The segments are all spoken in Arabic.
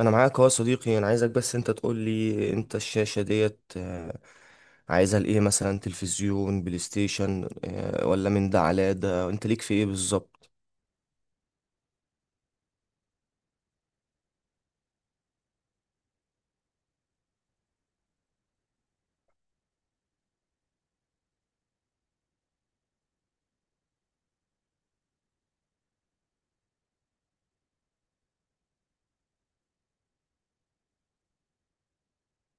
انا معاك اهو يا صديقي، انا عايزك بس انت تقول لي انت الشاشة ديت عايزها لايه؟ مثلا تلفزيون، بلاي ستيشن آه،، ولا من ده على ده؟ انت ليك في ايه بالظبط؟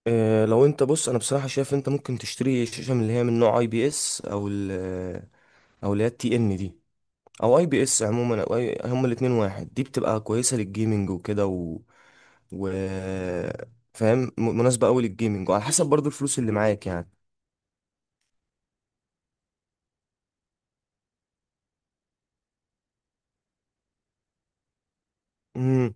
لو انت بص، انا بصراحة شايف انت ممكن تشتري شاشة من اللي هي من نوع اي بي اس، او ال آه، او اللي هي التي ان دي، او اي بي اس عموما، او هما الاتنين واحد. دي بتبقى كويسة للجيمنج وكده و... فاهم؟ مناسبة قوي للجيمنج، وعلى حسب برضو الفلوس اللي معاك يعني. مم.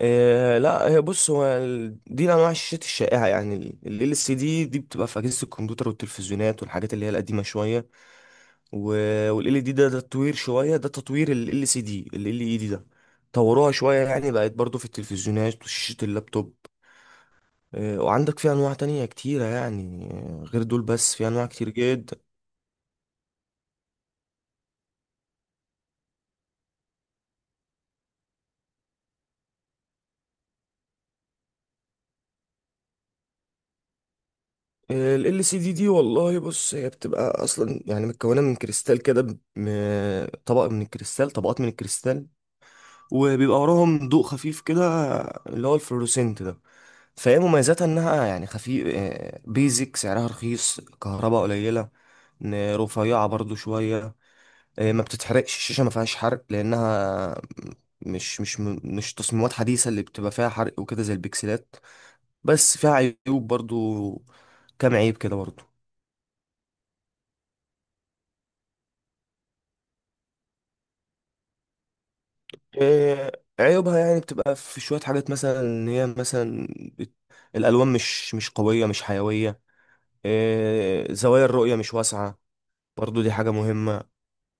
إيه لا، هي بص، دي انواع الشاشات الشائعه يعني. ال ال سي دي دي بتبقى في اجهزه الكمبيوتر والتلفزيونات والحاجات اللي هي القديمه شويه. وال ال دي ده تطوير شويه، ده تطوير ال ال سي دي. ال ال اي دي ده طوروها شويه يعني، بقت برضو في التلفزيونات وشاشه اللابتوب. إيه، وعندك في انواع تانية كتيره يعني غير دول، بس في انواع كتير جدا. ال ال سي دي دي والله بص، هي بتبقى اصلا يعني متكونه من كريستال كده، طبق من الكريستال، طبقات من الكريستال، وبيبقى وراهم ضوء خفيف كده اللي هو الفلوروسنت ده. فهي مميزاتها انها يعني خفيف، بيزك سعرها رخيص، كهرباء قليلة، رفيعة برضو شوية. ما بتتحرقش الشاشة، ما فيهاش حرق، لأنها مش تصميمات حديثة اللي بتبقى فيها حرق وكده زي البكسلات. بس فيها عيوب برضو، كام عيب كده برضو. آه، عيوبها يعني بتبقى في شوية حاجات، مثلا ان هي مثلا بت- الألوان مش قوية، مش حيوية. زوايا الرؤية مش واسعة، برضو دي حاجة مهمة.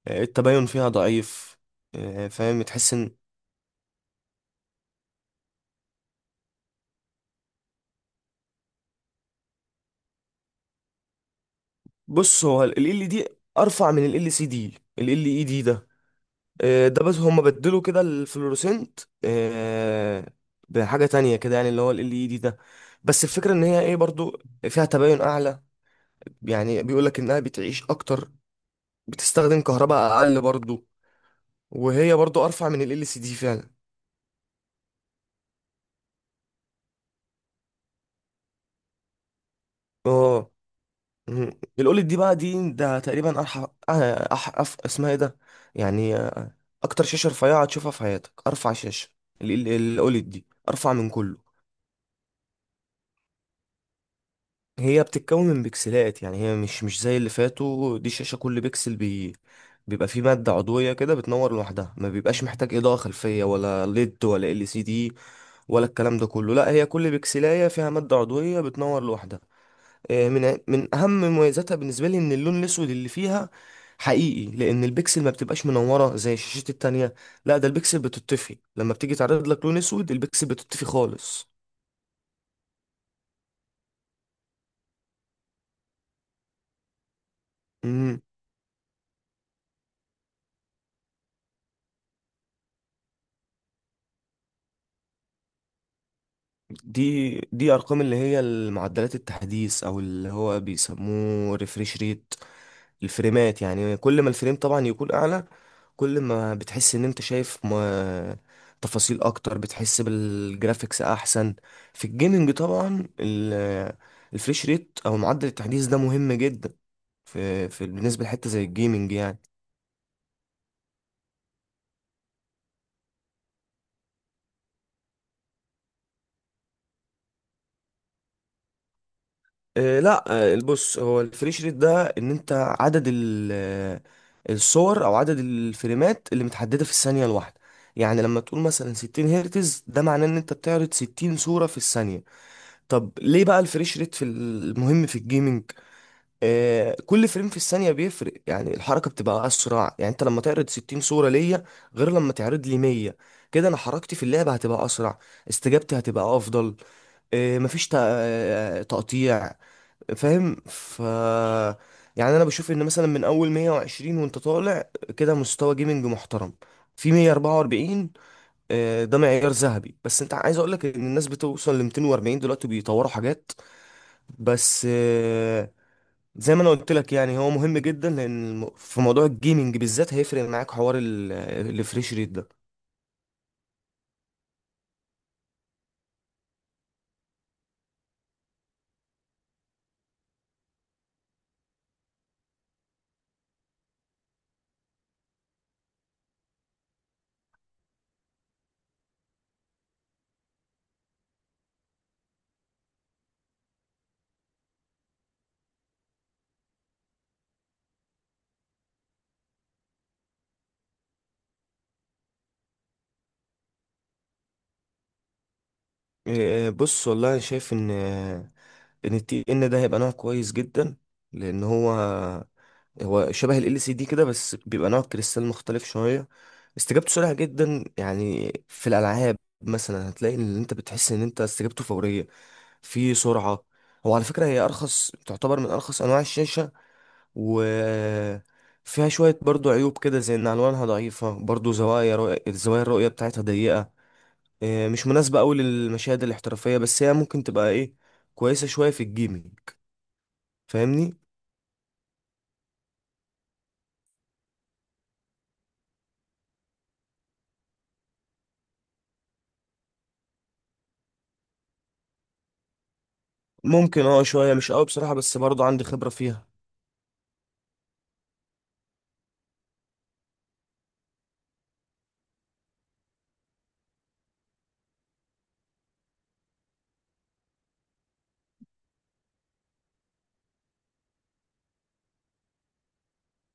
التباين فيها ضعيف. فاهم، تحس ان. بص، هو ال ال دي ارفع من ال ال سي دي. ال ال اي دي ده آه،، ده بس هما بدلوا كده الفلوروسنت بحاجة تانية كده يعني، اللي هو ال ال اي دي ده. بس الفكرة ان هي ايه برضو، فيها تباين اعلى، يعني بيقولك انها بتعيش اكتر، بتستخدم كهرباء اقل برضو، وهي برضو ارفع من ال ال سي دي فعلا. اه مم. الاولد دي بقى ده تقريبا ارحف اسمها ايه ده؟ يعني اكتر شاشه رفيعه هتشوفها في حياتك. ارفع شاشه الاولد دي، ارفع من كله. هي بتتكون من بكسلات، يعني هي مش زي اللي فاتوا. دي شاشه كل بكسل بيبقى فيه ماده عضويه كده، بتنور لوحدها، ما بيبقاش محتاج اضاءه خلفيه ولا ليد ولا ال سي دي ولا الكلام ده كله. لا، هي كل بكسلايه فيها ماده عضويه بتنور لوحدها. من اهم مميزاتها بالنسبه لي ان اللون الاسود اللي فيها حقيقي، لان البكسل ما بتبقاش منوره زي الشاشات التانية. لا، ده البكسل بتطفي، لما بتيجي تعرض لك لون اسود البكسل بتطفي خالص. إمم. دي ارقام اللي هي معدلات التحديث، او اللي هو بيسموه ريفريش ريت، الفريمات، يعني كل ما الفريم طبعا يكون اعلى، كل ما بتحس ان انت شايف ما تفاصيل اكتر، بتحس بالجرافيكس احسن. في الجيمنج طبعا الفريش ريت او معدل التحديث ده مهم جدا، في بالنسبه لحته زي الجيمنج يعني. لا. بص، هو الفريش ريت ده، ان انت عدد الصور او عدد الفريمات اللي متحدده في الثانيه الواحده. يعني لما تقول مثلا 60 هرتز، ده معناه ان انت بتعرض 60 صوره في الثانيه. طب ليه بقى الفريش ريت في المهم في الجيمنج؟ آه، كل فريم في الثانيه بيفرق، يعني الحركه بتبقى اسرع. يعني انت لما تعرض 60 صوره ليا، غير لما تعرض لي 100، كده انا حركتي في اللعبه هتبقى اسرع، استجابتي هتبقى افضل. مفيش تقطيع، فاهم؟ ف يعني انا بشوف ان مثلا من اول 120 وانت طالع كده مستوى جيمنج محترم. في 144 ده معيار ذهبي، بس انت عايز اقول لك ان الناس بتوصل ل 240 دلوقتي، بيطوروا حاجات. بس زي ما انا قلت لك يعني، هو مهم جدا، لان في موضوع الجيمنج بالذات هيفرق معاك حوار الفريش ريت ده. بص والله، انا شايف ان ان التي ان ده هيبقى نوع كويس جدا، لان هو شبه ال LCD كده، بس بيبقى نوع كريستال مختلف شوية. استجابته سريعة جدا، يعني في الألعاب مثلا هتلاقي ان انت بتحس ان انت استجابته فورية، في سرعة. هو على فكرة هي أرخص، تعتبر من أرخص أنواع الشاشة. و فيها شوية برضو عيوب كده، زي إن ألوانها ضعيفة برضو، زوايا رؤية الزوايا الرؤية بتاعتها ضيقة. إيه، مش مناسبة أوي للمشاهد الاحترافية، بس هي ممكن تبقى إيه، كويسة شوية في الجيمنج، فاهمني. ممكن، اه شوية مش أوي بصراحة، بس برضو عندي خبرة فيها.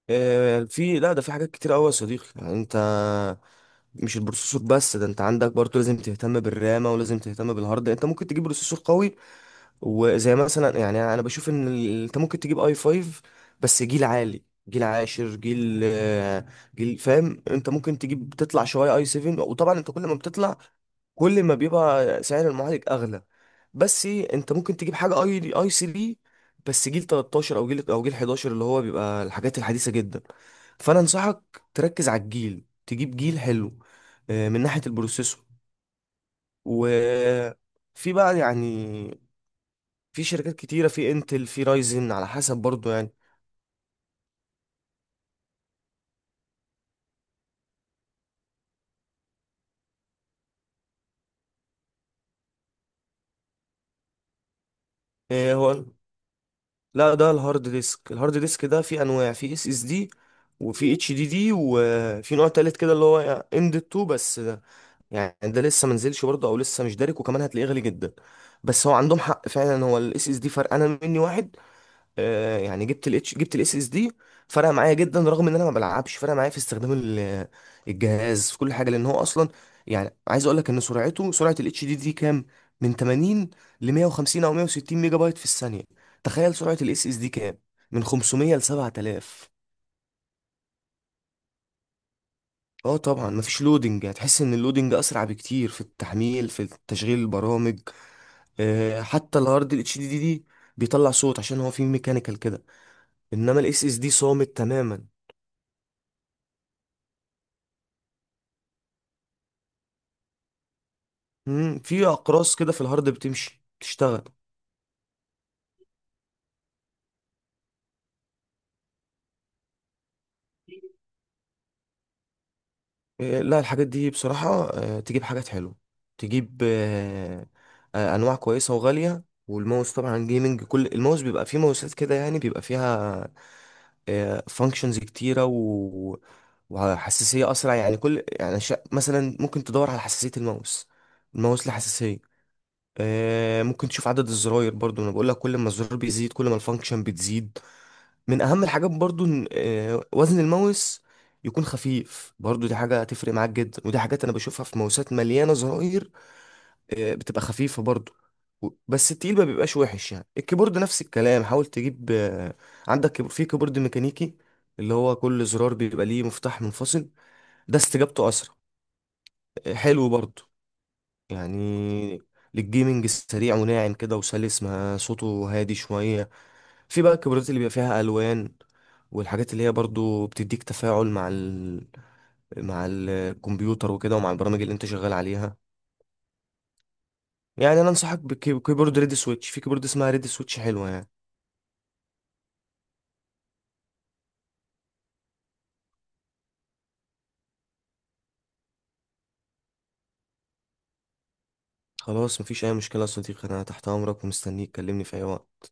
آه، في لا ده في حاجات كتير قوي يا صديقي، يعني انت مش البروسيسور بس، ده انت عندك برضه لازم تهتم بالرامة، ولازم تهتم بالهارد. انت ممكن تجيب بروسيسور قوي، وزي مثلا يعني انا بشوف ان انت ممكن تجيب اي 5، بس جيل عالي، جيل عاشر، جيل آه، جيل فاهم. انت ممكن تجيب تطلع شويه اي 7، وطبعا انت كل ما بتطلع كل ما بيبقى سعر المعالج اغلى. بس انت ممكن تجيب حاجه اي 3، بس جيل 13 او جيل 11، اللي هو بيبقى الحاجات الحديثه جدا. فانا انصحك تركز على الجيل، تجيب جيل حلو. من ناحيه البروسيسور. وفي بقى يعني، في شركات كتيرة، في انتل، في رايزن، على حسب برضو يعني. إيه، هو لا ده الهارد ديسك، الهارد ديسك ده في انواع، في اس اس دي، وفي اتش دي دي، وفي نوع تالت كده اللي هو ام دي 2، بس ده يعني ده لسه منزلش برضه او لسه مش دارك، وكمان هتلاقيه غالي جدا. بس هو عندهم حق فعلا، هو الاس اس دي فرقانه مني واحد. يعني جبت الاتش جبت الاس اس دي، فرق معايا جدا، رغم ان انا ما بلعبش. فرق معايا في استخدام الجهاز في كل حاجه، لان هو اصلا، يعني عايز اقول لك ان سرعته، سرعه الاتش دي دي كام؟ من 80 ل 150 او 160 ميجا بايت في الثانيه. تخيل سرعه الاس اس دي كام؟ من 500 ل 7,000. اه طبعا، مفيش لودنج، هتحس ان اللودنج اسرع بكتير في التحميل، في تشغيل البرامج. حتى الهارد الاتش دي دي بيطلع صوت، عشان هو فيه ميكانيكال كده. انما الاس اس دي صامت تماما. مم، في اقراص كده في الهارد بتمشي تشتغل. إيه، لا الحاجات دي بصراحة تجيب حاجات حلوة، تجيب انواع كويسة وغالية. والماوس طبعا جيمنج، كل الماوس بيبقى فيه، ماوسات كده يعني بيبقى فيها فانكشنز كتيرة وحساسية اسرع. يعني كل يعني مثلا ممكن تدور على حساسية الماوس، الماوس له حساسية. ممكن تشوف عدد الزراير برضو. انا بقول لك كل ما الزرار بيزيد كل ما الفانكشن بتزيد. من اهم الحاجات برضو وزن الماوس يكون خفيف برضو، دي حاجة هتفرق معاك جدا. ودي حاجات انا بشوفها في ماوسات مليانة زراير بتبقى خفيفة برضو. بس التقيل ما بيبقاش وحش يعني. الكيبورد نفس الكلام، حاول تجيب عندك في كيبورد ميكانيكي، اللي هو كل زرار بيبقى ليه مفتاح منفصل، ده استجابته اسرع. حلو برضو يعني، للجيمنج سريع وناعم كده وسلس، ما صوته هادي شوية. في بقى الكاميرات اللي بيبقى فيها الوان، والحاجات اللي هي برضو بتديك تفاعل مع مع الكمبيوتر وكده، ومع البرامج اللي انت شغال عليها. يعني انا انصحك بكيبورد ريد سويتش، في كيبورد اسمها ريد سويتش حلوه يعني. خلاص، مفيش اي مشكله يا صديقي، انا تحت امرك ومستنيك، كلمني في اي وقت.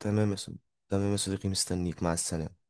تمام يا صديقي. تمام يا صديقي، مستنيك، مع السلامه.